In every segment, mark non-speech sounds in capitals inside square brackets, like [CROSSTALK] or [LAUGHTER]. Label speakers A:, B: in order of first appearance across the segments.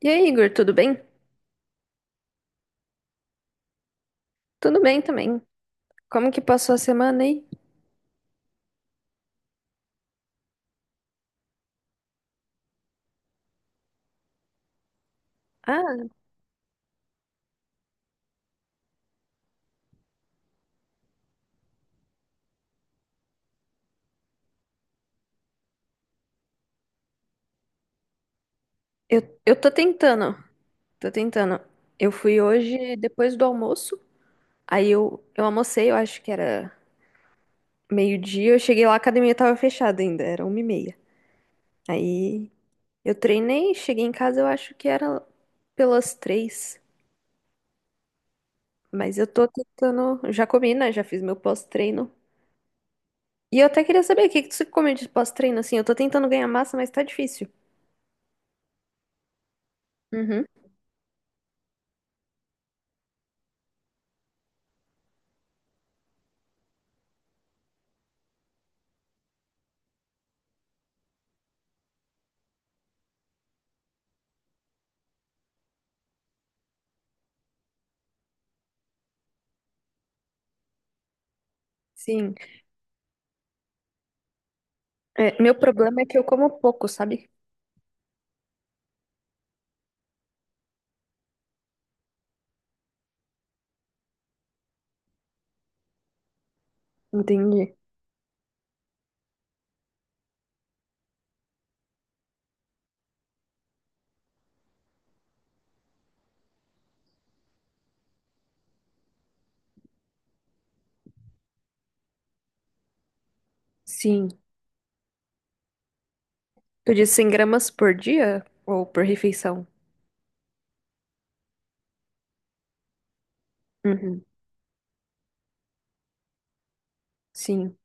A: E aí, Igor, tudo bem? Tudo bem também. Como que passou a semana aí? Ah, eu tô tentando, tô tentando. Eu fui hoje depois do almoço, aí eu almocei, eu acho que era meio-dia, eu cheguei lá, a academia tava fechada ainda, era 1h30. Aí eu treinei, cheguei em casa, eu acho que era pelas três, mas eu tô tentando, já comi, né, já fiz meu pós-treino. E eu até queria saber, o que que você come de pós-treino, assim, eu tô tentando ganhar massa, mas tá difícil. Uhum. Sim. É, meu problema é que eu como pouco, sabe? Entendi. Sim. Tu disse 100 gramas por dia ou por refeição? Uhum. Sim.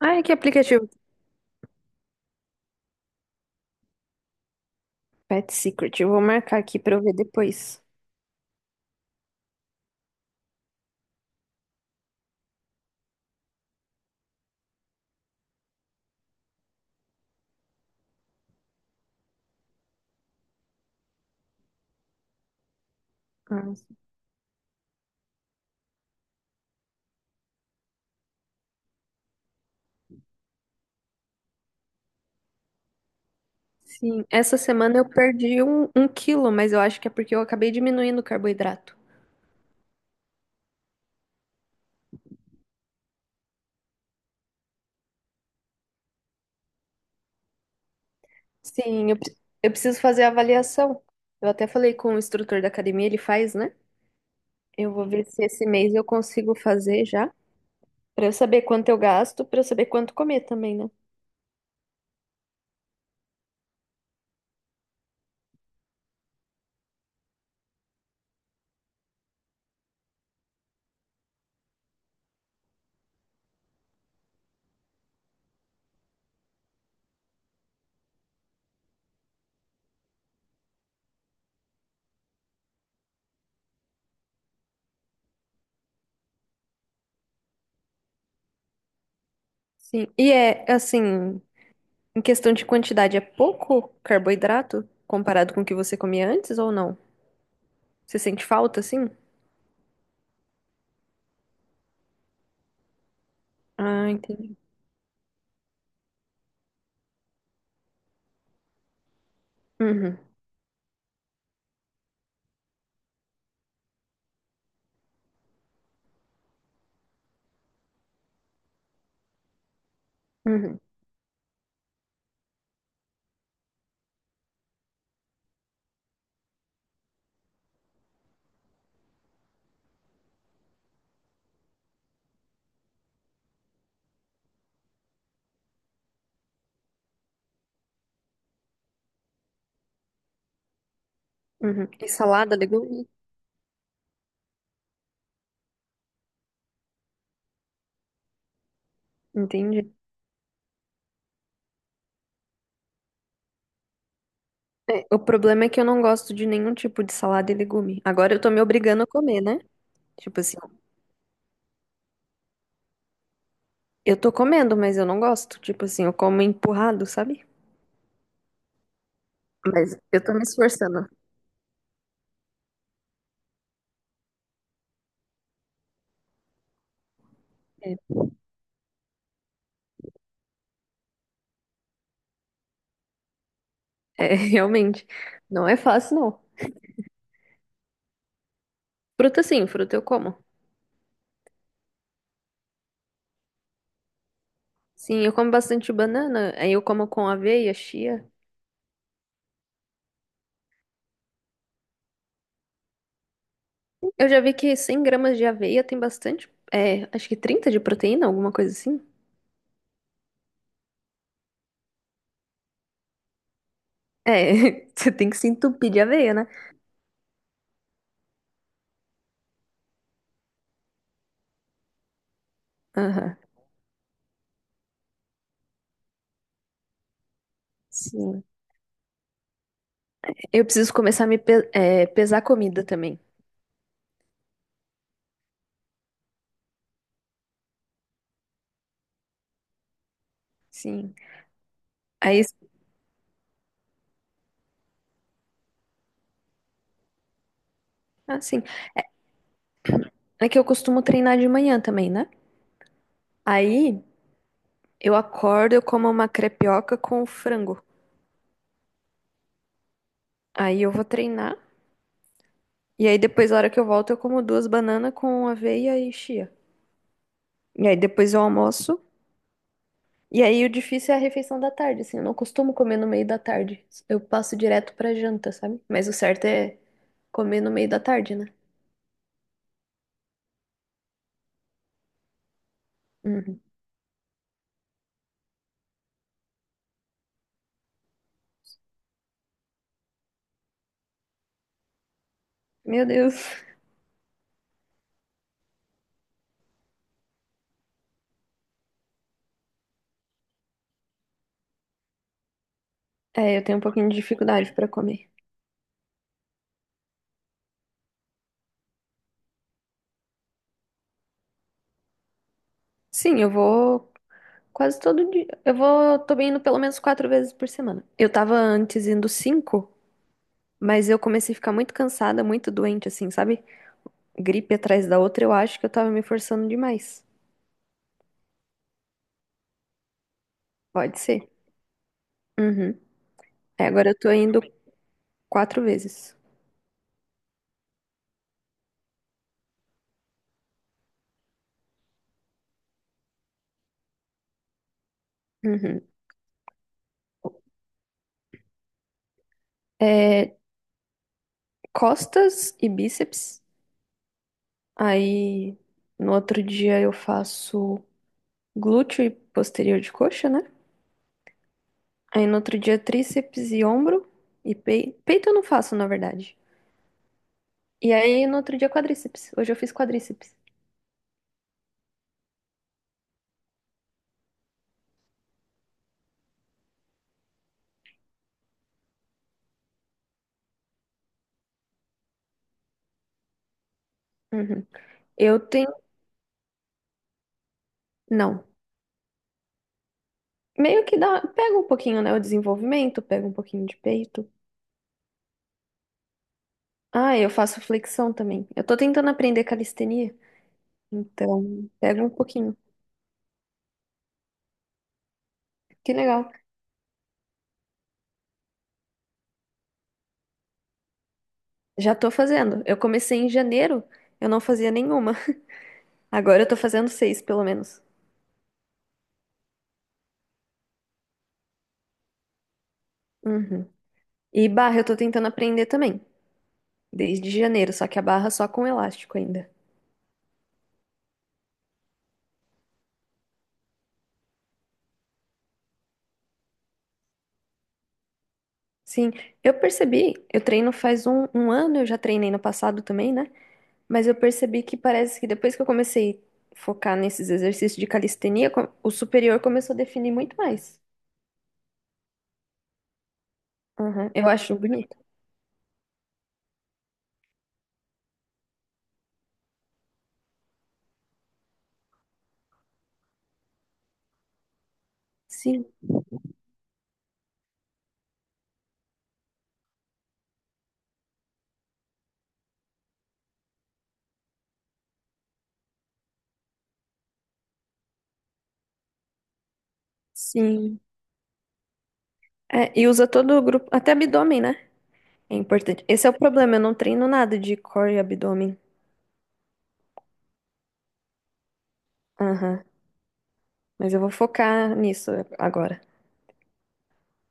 A: Ai, que aplicativo. Pet Secret. Eu vou marcar aqui pra eu ver depois. Ah, sim. Essa semana eu perdi um quilo, mas eu acho que é porque eu acabei diminuindo o carboidrato. Sim, eu preciso fazer a avaliação. Eu até falei com o instrutor da academia, ele faz, né? Eu vou ver se esse mês eu consigo fazer já. Pra eu saber quanto eu gasto, pra eu saber quanto comer também, né? Sim. E é assim, em questão de quantidade, é pouco carboidrato comparado com o que você comia antes ou não? Você sente falta, assim? Ah, entendi. Uhum, uhum, uhum. E salada, legume? Entendi. É, o problema é que eu não gosto de nenhum tipo de salada e legume. Agora eu tô me obrigando a comer, né? Tipo assim, eu tô comendo, mas eu não gosto. Tipo assim, eu como empurrado, sabe? Mas eu tô me esforçando. É, é, [LAUGHS] realmente, não é fácil, não. Fruta sim, fruta eu como. Sim, eu como bastante banana, aí eu como com aveia, chia. Eu já vi que 100 gramas de aveia tem bastante, é, acho que 30 de proteína, alguma coisa assim. É, [LAUGHS] você tem que se entupir de aveia, né? Aham, sim. Eu preciso começar a pesar comida também. Sim. Aí, ah, sim. É que eu costumo treinar de manhã também, né? Aí eu acordo, eu como uma crepioca com frango. Aí eu vou treinar. E aí depois, na hora que eu volto, eu como duas bananas com aveia e chia. E aí depois eu almoço. E aí o difícil é a refeição da tarde, assim, eu não costumo comer no meio da tarde. Eu passo direto pra janta, sabe? Mas o certo é comer no meio da tarde, né? Uhum. Meu Deus. É, eu tenho um pouquinho de dificuldade pra comer. Sim, eu vou quase todo dia. Eu vou, tô indo pelo menos 4 vezes por semana. Eu tava antes indo 5, mas eu comecei a ficar muito cansada, muito doente, assim, sabe? Gripe atrás da outra, eu acho que eu tava me forçando demais. Pode ser. Uhum. É, agora eu tô indo 4 vezes. Uhum. É, costas e bíceps. Aí no outro dia eu faço glúteo e posterior de coxa, né? Aí no outro dia tríceps e ombro e peito eu não faço, na verdade. E aí no outro dia quadríceps. Hoje eu fiz quadríceps. Uhum. Eu tenho, não. Meio que dá, pega um pouquinho, né, o desenvolvimento, pega um pouquinho de peito. Ah, eu faço flexão também. Eu tô tentando aprender calistenia, então pega um pouquinho. Que legal. Já tô fazendo. Eu comecei em janeiro, eu não fazia nenhuma. Agora eu tô fazendo 6, pelo menos. Uhum. E barra eu tô tentando aprender também, desde janeiro, só que a barra só com elástico ainda. Sim, eu percebi, eu treino faz um ano, eu já treinei no passado também, né? Mas eu percebi que parece que depois que eu comecei a focar nesses exercícios de calistenia, o superior começou a definir muito mais. Uhum. Eu acho bonito. Sim, sim. É, e usa todo o grupo, até abdômen, né? É importante. Esse é o problema, eu não treino nada de core e abdômen. Aham. Mas eu vou focar nisso agora.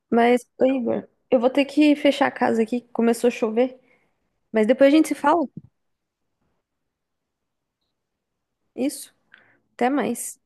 A: Mas, ô Igor, eu vou ter que fechar a casa aqui, começou a chover. Mas depois a gente se fala. Isso. Até mais.